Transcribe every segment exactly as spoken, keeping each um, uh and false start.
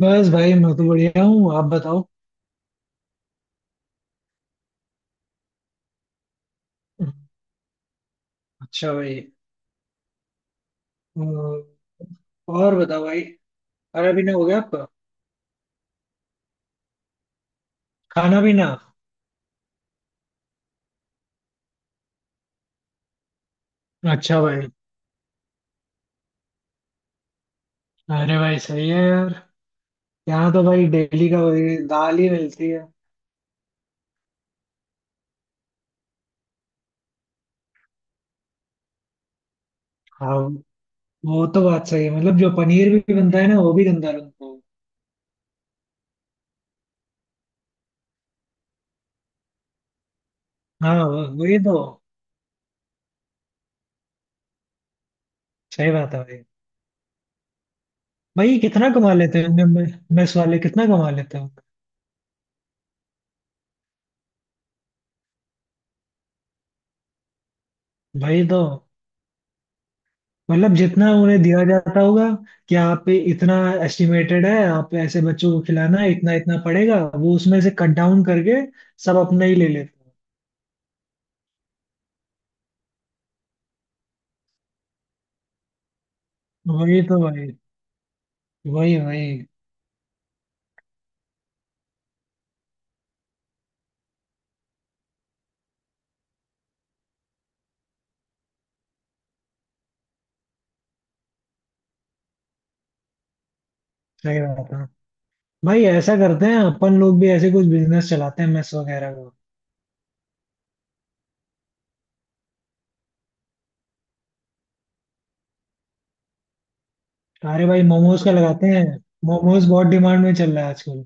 बस भाई मैं तो बढ़िया हूँ। आप बताओ। अच्छा भाई। अ, और बताओ भाई। खाना पीना हो गया आपका? खाना पीना। अच्छा भाई। अरे भाई सही है यार। यहाँ तो भाई डेली का वही दाल ही मिलती है। हाँ, वो तो। बात सही है मतलब जो पनीर भी बनता है ना, वो भी गंदा बनता है। हाँ, वो- वही तो। सही बात है भाई। भाई कितना कमा लेते होंगे मैं- मेस वाले कितना कमा लेते होंगे? भाई तो मतलब जितना उन्हें दिया जाता होगा कि आप पे इतना एस्टिमेटेड है, आप ऐसे बच्चों को खिलाना है, इतना इतना पड़ेगा, वो उसमें से कट डाउन करके सब अपना ही ले लेते हैं। वही तो भाई। वही वही। सही बात है भाई। ऐसा करते हैं, अपन लोग भी ऐसे कुछ बिजनेस चलाते हैं, मेस वगैरह का। अरे भाई मोमोज का लगाते हैं। मोमोज बहुत डिमांड में चल रहा है आजकल।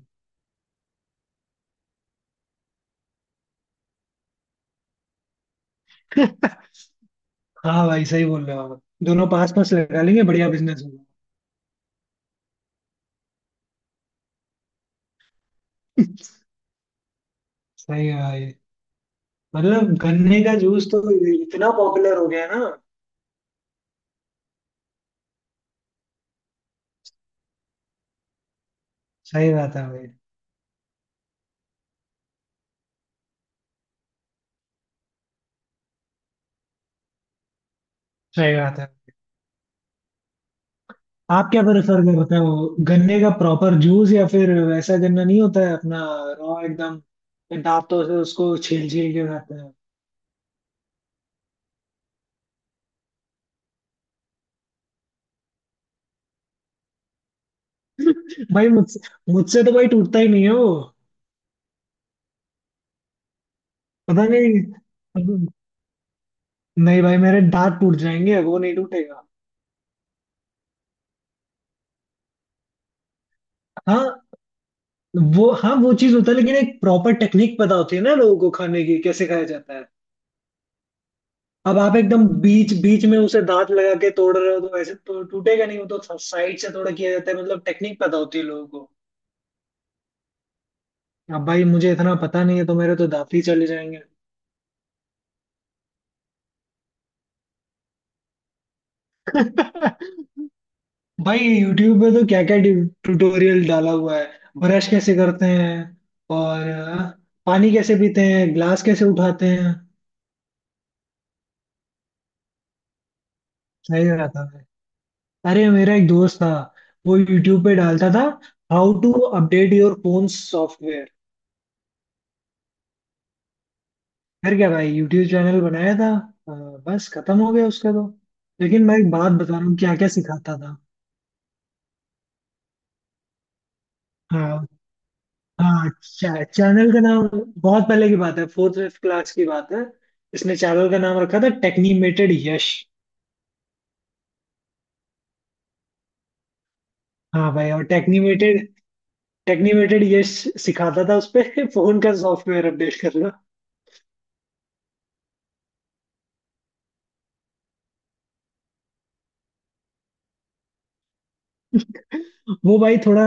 हाँ भाई, सही बोल रहे हो आप। दोनों पास पास लगा लेंगे, बढ़िया बिजनेस होगा। सही है भाई। मतलब गन्ने का जूस तो इतना पॉपुलर हो गया है ना। सही बात है भाई। सही बात है। आप क्या प्रेफर करते हो, गन्ने का प्रॉपर जूस, या फिर वैसा गन्ना नहीं होता है अपना, रॉ एकदम, फिर दांतों से उसको छील छील के खाते हैं? भाई मुझसे मुझसे तो भाई टूटता ही नहीं है वो। पता नहीं। नहीं भाई, मेरे दांत टूट जाएंगे, वो नहीं टूटेगा। हाँ, वो, हाँ, वो चीज होता है, लेकिन एक प्रॉपर टेक्निक पता होती है ना लोगों को खाने की, कैसे खाया जाता है। अब आप एकदम बीच बीच में उसे दांत लगा के तोड़ रहे हो तो ऐसे तो टूटेगा नहीं। वो तो साइड से थोड़ा किया जाता है, मतलब टेक्निक पता होती है लोगों को। अब भाई मुझे इतना पता नहीं है, तो मेरे तो दांत ही चले जाएंगे। भाई यूट्यूब पे तो क्या क्या ट्यूटोरियल डाला हुआ है। ब्रश कैसे करते हैं, और अ, पानी कैसे पीते हैं, ग्लास कैसे उठाते हैं। सही रहता है। अरे मेरा एक दोस्त था, वो यूट्यूब पे डालता था, how to update your phone software. फिर क्या भाई, यूट्यूब चैनल बनाया था अ, बस खत्म हो गया उसका तो। लेकिन मैं एक बात बता रहा हूँ, क्या क्या सिखाता था। हाँ हाँ, चा, चैनल का नाम, बहुत पहले की बात है, फोर्थ फिफ्थ क्लास की बात है, इसने चैनल का नाम रखा था टेक्नीमेटेड यश। हाँ भाई, और टेक्नीमेटेड टेक्नीमेटेड यश सिखाता था उस पे फोन का सॉफ्टवेयर अपडेट करना। वो भाई थोड़ा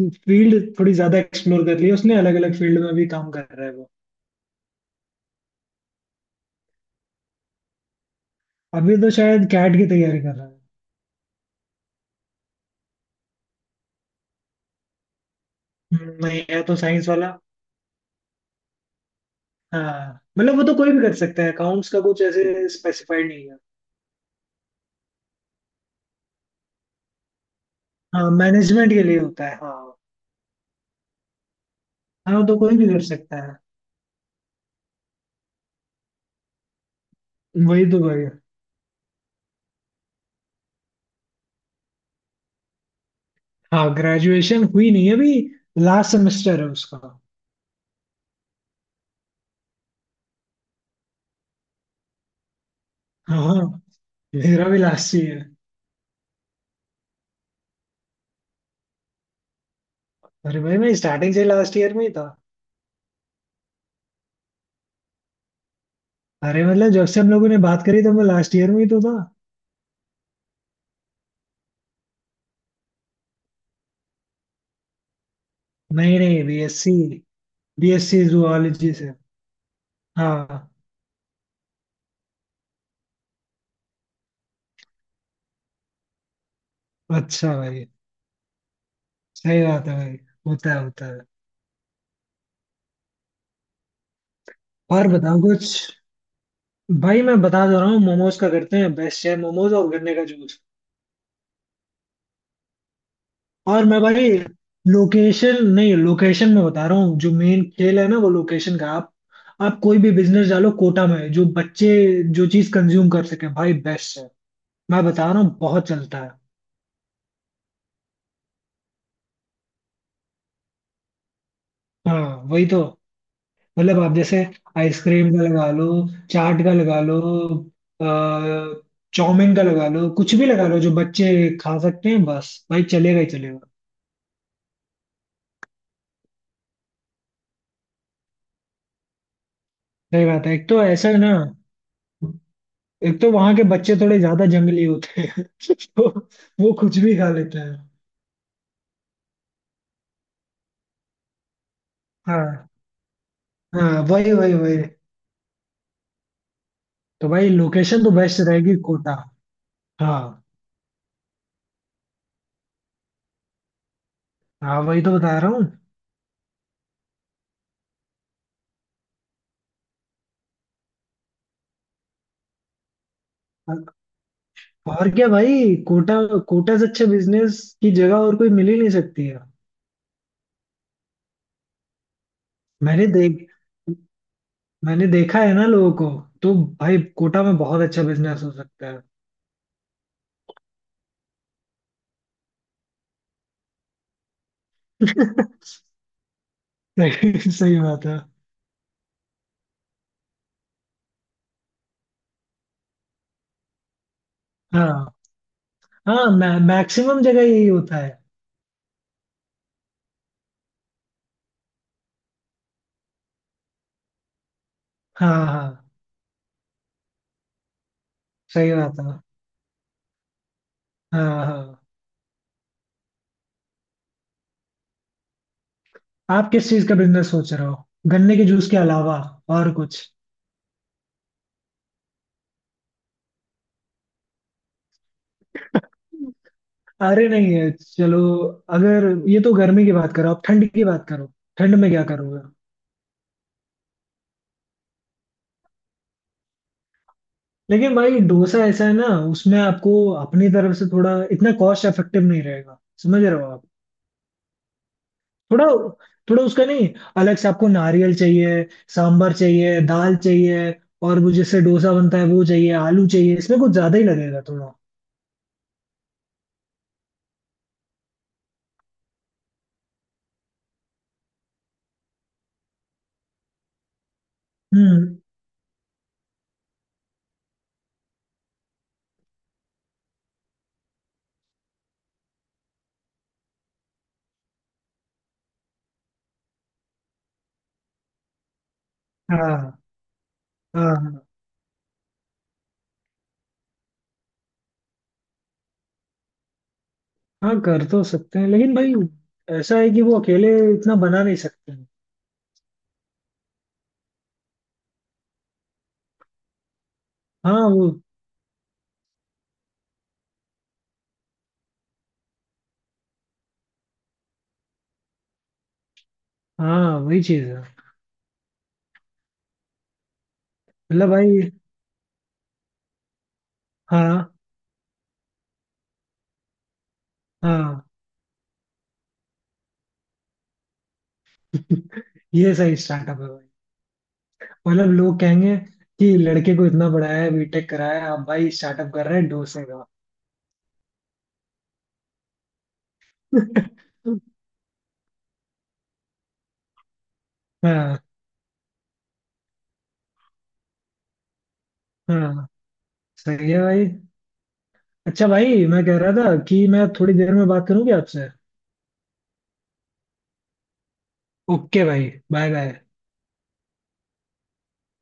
फील्ड थोड़ी ज्यादा एक्सप्लोर कर लिया उसने, अलग अलग फील्ड में भी काम कर रहा है वो। अभी तो शायद कैट की तैयारी कर रहा है। हम्म, नहीं, है तो साइंस वाला। हाँ, मतलब वो तो कोई भी कर सकता है, अकाउंट्स का कुछ ऐसे स्पेसिफाइड नहीं है। हाँ, मैनेजमेंट के लिए होता है, हाँ। हाँ, वो तो कोई भी कर सकता है। वही तो भाई। हाँ, ग्रेजुएशन हुई नहीं है अभी, लास्ट सेमेस्टर है उसका। हाँ हाँ, मेरा भी लास्ट ईयर। अरे भाई मैं स्टार्टिंग से लास्ट ईयर में ही था। अरे मतलब जब से हम लोगों ने बात करी, तब मैं लास्ट ईयर में ही तो था। नहीं नहीं, बीएससी। बीएससी जूलॉजी से। हाँ। अच्छा भाई। सही बात है भाई। होता है होता है। और बताओ कुछ। भाई मैं बता दे रहा हूँ, मोमोज का करते हैं, बेस्ट है, मोमोज और गन्ने का जूस। और मैं भाई लोकेशन, नहीं, लोकेशन में बता रहा हूँ, जो मेन खेल है ना, वो लोकेशन का। आप आप कोई भी बिजनेस डालो कोटा में, जो बच्चे जो चीज कंज्यूम कर सके भाई, बेस्ट है। मैं बता रहा हूँ, बहुत चलता है। हाँ वही तो। मतलब आप जैसे आइसक्रीम का लगा लो, चाट का लगा लो, अ, चाउमीन का लगा लो, कुछ भी लगा लो जो बच्चे खा सकते हैं, बस भाई, चलेगा ही चलेगा। सही बात है। एक तो ऐसा है ना, एक तो वहां के बच्चे थोड़े ज्यादा जंगली होते हैं तो वो कुछ भी खा लेते हैं। हाँ हाँ, वही वही वही। तो भाई लोकेशन तो बेस्ट रहेगी कोटा। हाँ हाँ, वही तो बता रहा हूँ। और क्या भाई, कोटा कोटा से अच्छे बिजनेस की जगह और कोई मिल ही नहीं सकती है। मैंने देख मैंने देखा है ना लोगों को, तो भाई कोटा में बहुत अच्छा बिजनेस हो सकता है। सही, सही बात है। हाँ हाँ, मैं मैक्सिमम जगह यही होता है। हाँ हाँ, सही बात है, हाँ हाँ। आप किस चीज का बिजनेस सोच रहे हो, गन्ने के जूस के अलावा और कुछ? अरे नहीं है, चलो अगर ये तो गर्मी की बात करो, आप ठंड की बात करो। ठंड में क्या करोगे? लेकिन भाई डोसा ऐसा है ना, उसमें आपको अपनी तरफ से थोड़ा, इतना कॉस्ट इफेक्टिव नहीं रहेगा, समझ रहे हो आप? थोड़ा, थोड़ा उसका नहीं, अलग से आपको नारियल चाहिए, सांभर चाहिए, दाल चाहिए, और वो जिससे डोसा बनता है वो चाहिए, आलू चाहिए, इसमें कुछ ज्यादा ही लगेगा थोड़ा। हम्म, हाँ, हाँ, हाँ। हाँ, कर तो सकते हैं, लेकिन भाई ऐसा है कि वो अकेले इतना बना नहीं सकते हैं। हाँ वो हाँ वही चीज है। मतलब भाई। हाँ हाँ, ये सही स्टार्टअप है भाई। मतलब लोग कहेंगे कि लड़के को इतना पढ़ाया है, बीटेक कराया, अब भाई स्टार्टअप कर रहे हैं डोसे का। हाँ हाँ, सही है भाई। अच्छा भाई, मैं कह रहा था कि मैं थोड़ी देर में बात करूँ क्या आपसे? ओके भाई, बाय बाय।